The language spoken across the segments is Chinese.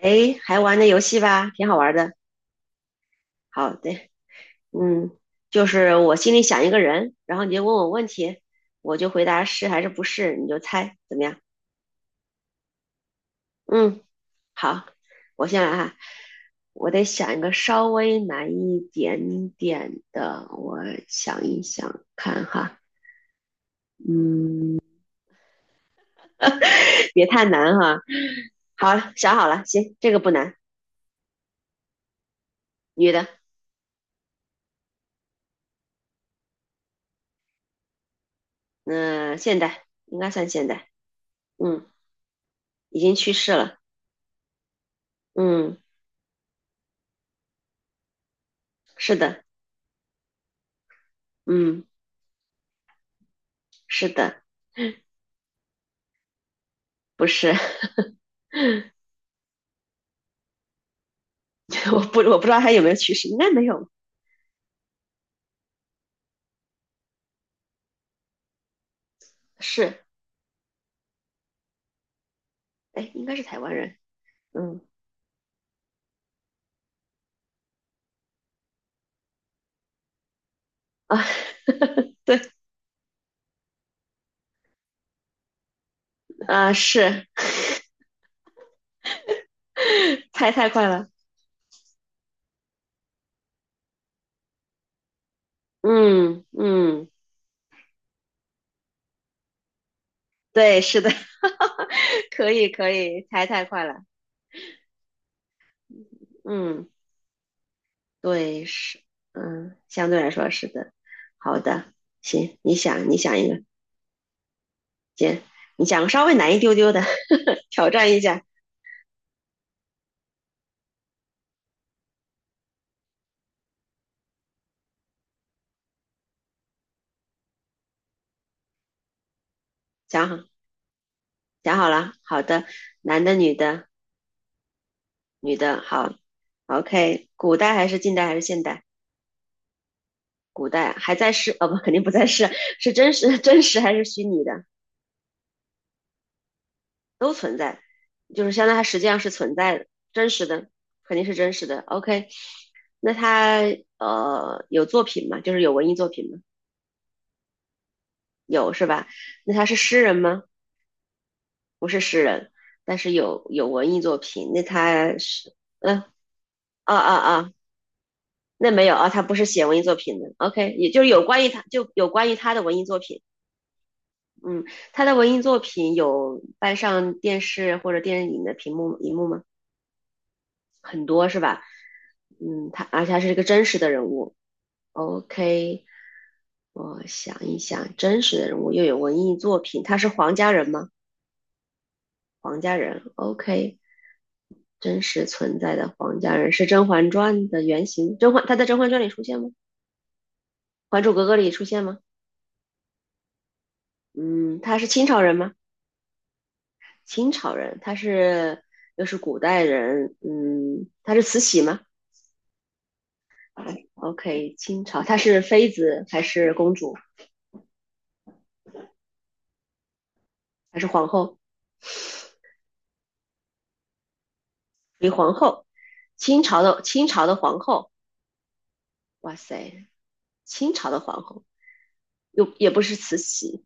哎，还玩那游戏吧，挺好玩的。好的，嗯，就是我心里想一个人，然后你就问我问题，我就回答是还是不是，你就猜，怎么样？嗯，好，我先来哈。我得想一个稍微难一点点的，我想一想看哈，嗯，别太难哈。好，想好了，行，这个不难。女的。嗯、现代应该算现代。嗯，已经去世了。嗯，是的。嗯，是的。不是。我不知道他有没有去世，应该没有。是。哎，应该是台湾人。嗯啊。对啊。是。猜太快了。嗯嗯，对，是的。可以可以，猜太快了。嗯，对，是。相对来说是的。好的。行，你想一个。姐，你想个稍微难一丢丢的。挑战一下。想好想好了，好的。男的女的？女的，好，OK,古代还是近代还是现代？古代还在世，哦不，肯定不在世。是真实 真实还是虚拟的？都存在。就是相当于它实际上是存在的。真实的，肯定是真实的。OK,那他有作品吗？就是有文艺作品吗？有是吧？那他是诗人吗？不是诗人，但是有文艺作品。那他是。嗯、啊啊啊，那没有啊，他不是写文艺作品的。OK,也就是有关于他，就有关于他的文艺作品。嗯，他的文艺作品有搬上电视或者电影的屏幕荧幕吗？很多是吧？他而且他是一个真实的人物。OK,我想一想，真实的人物又有文艺作品，他是黄家人吗？黄家人，OK,真实存在的黄家人是《甄嬛传》的原型，甄嬛他在《甄嬛传》里出现吗？《还珠格格》里出现吗？嗯，他是清朝人吗？清朝人，他是又是古代人。嗯，他是慈禧吗？哎，OK,清朝，她是妃子还是公主还是皇后？李皇后。清朝的皇后。哇塞，清朝的皇后又也不是慈禧。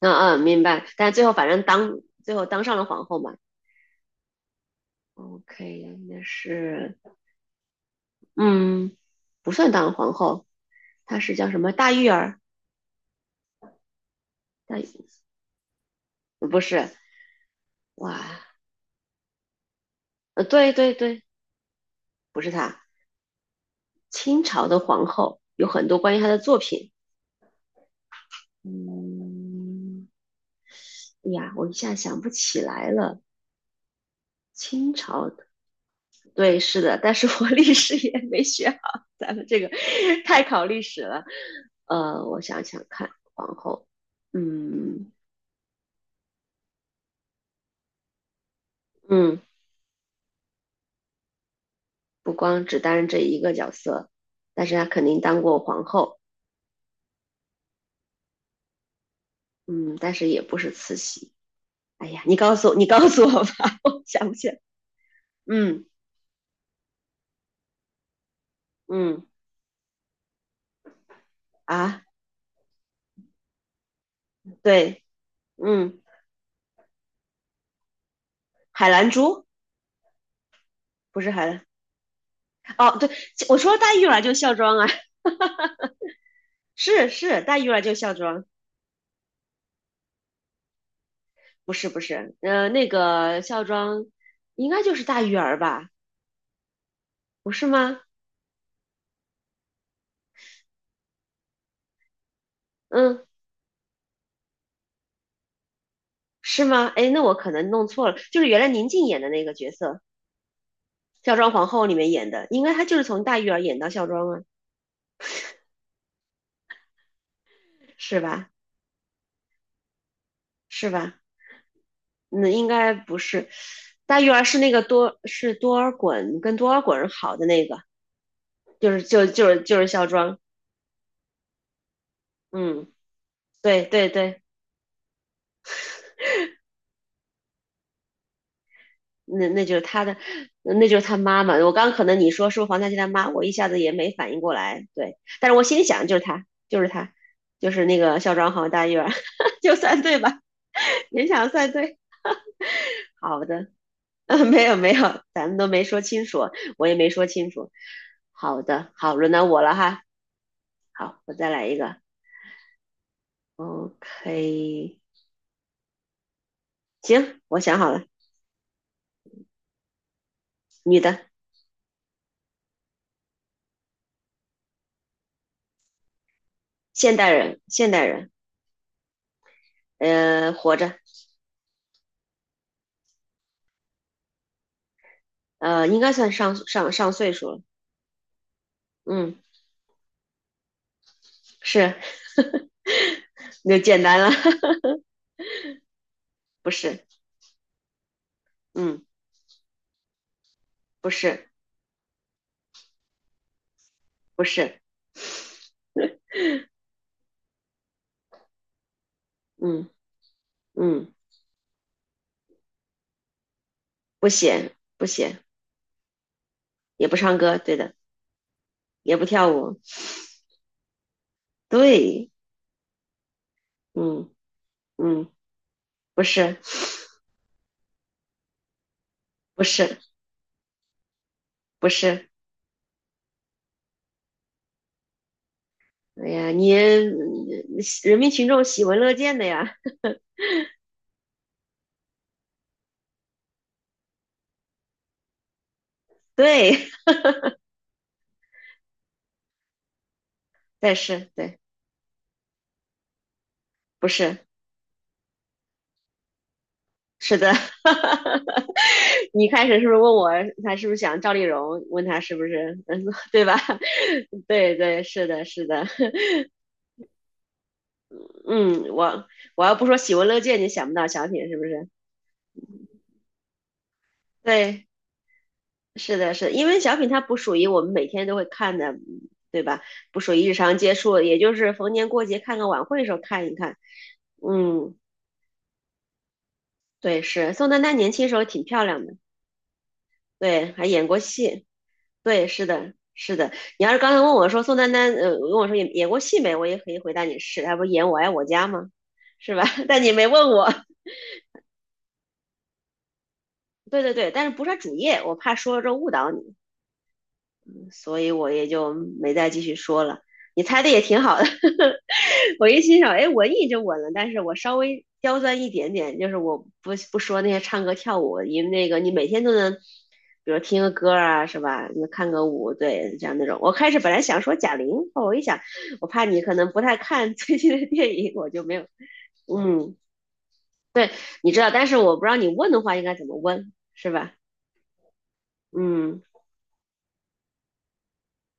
嗯嗯，明白。但最后反正当最后当上了皇后嘛。OK,那是，嗯，不算当皇后。她是叫什么大玉儿？大玉不是，哇。对对对，不是她。清朝的皇后有很多关于她的作品。嗯。哎呀，我一下想不起来了。清朝。对，是的，但是我 历史也没学好。咱们这个 太考历史了。我想想看，皇后。嗯嗯。不光只担任这一个角色，但是她肯定当过皇后。嗯，但是也不是慈禧。哎呀，你告诉我，你告诉我吧，我想不起来。嗯嗯啊，对。嗯，海兰珠。不是海兰。哦，对。我说大玉了就孝庄啊。是是，大玉儿就孝庄。不是不是，那个孝庄应该就是大玉儿吧？不是吗？嗯，是吗？哎，那我可能弄错了，就是原来宁静演的那个角色，孝庄皇后里面演的，应该她就是从大玉儿演到孝庄啊。是吧？是吧？嗯，应该不是。大玉儿是那个多是多尔衮跟多尔衮好的那个。就是孝庄。嗯，对对对。那就是他的。那就是他妈妈。我刚可能你说是不是黄家驹他妈，我一下子也没反应过来。对，但是我心里想就是他，就是他，就是那个孝庄好大院儿，就算对吧？勉强算对。好的。没有没有，咱们都没说清楚，我也没说清楚。好的，好，轮到我了哈。好，我再来一个。OK,行，我想好了。女的。现代人，现代人。活着。应该算上岁数了。嗯，是。那简单了。不是。嗯，不是。不是。嗯嗯，不写不写。也不唱歌，对的。也不跳舞，对。嗯嗯，不是不是不是。哎呀，你人民群众喜闻乐见的呀。对。但是对。不是是的。你开始是不是问我他是不是想赵丽蓉？问他是不是。嗯，对吧？对对，是的，是的。嗯，我我要不说喜闻乐见，你想不到小品是不是？对，是的。是的因为小品它不属于我们每天都会看的。嗯对吧？不属于日常接触，也就是逢年过节看个晚会的时候看一看。嗯，对，是宋丹丹年轻时候挺漂亮的。对，还演过戏。对，是的，是的。你要是刚才问我说宋丹丹，问我说演过戏没，我也可以回答你是，她不是演《我爱我家》吗？是吧？但你没问我。对对对，但是不是她主业，我怕说了之后误导你，所以我也就没再继续说了。你猜的也挺好的。我一欣赏，哎，文艺就稳了。但是我稍微刁钻一点点，就是我不说那些唱歌跳舞。因为那个你每天都能，比如听个歌啊，是吧？你看个舞，对，这样那种。我开始本来想说贾玲，后我一想，我怕你可能不太看 最近的电影，我就没有。嗯，对，你知道，但是我不知道你问的话应该怎么问，是吧？嗯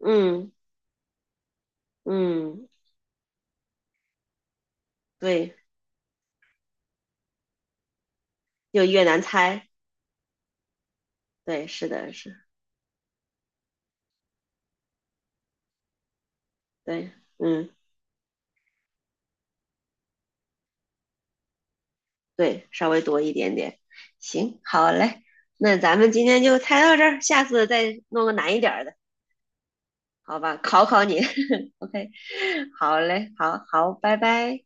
嗯嗯，对，就越难猜。对，是的，是。对。嗯。对，稍微多一点点。行，好嘞。那咱们今天就猜到这儿，下次再弄个难一点儿的。好吧？考考你。OK,好嘞，好好，拜拜。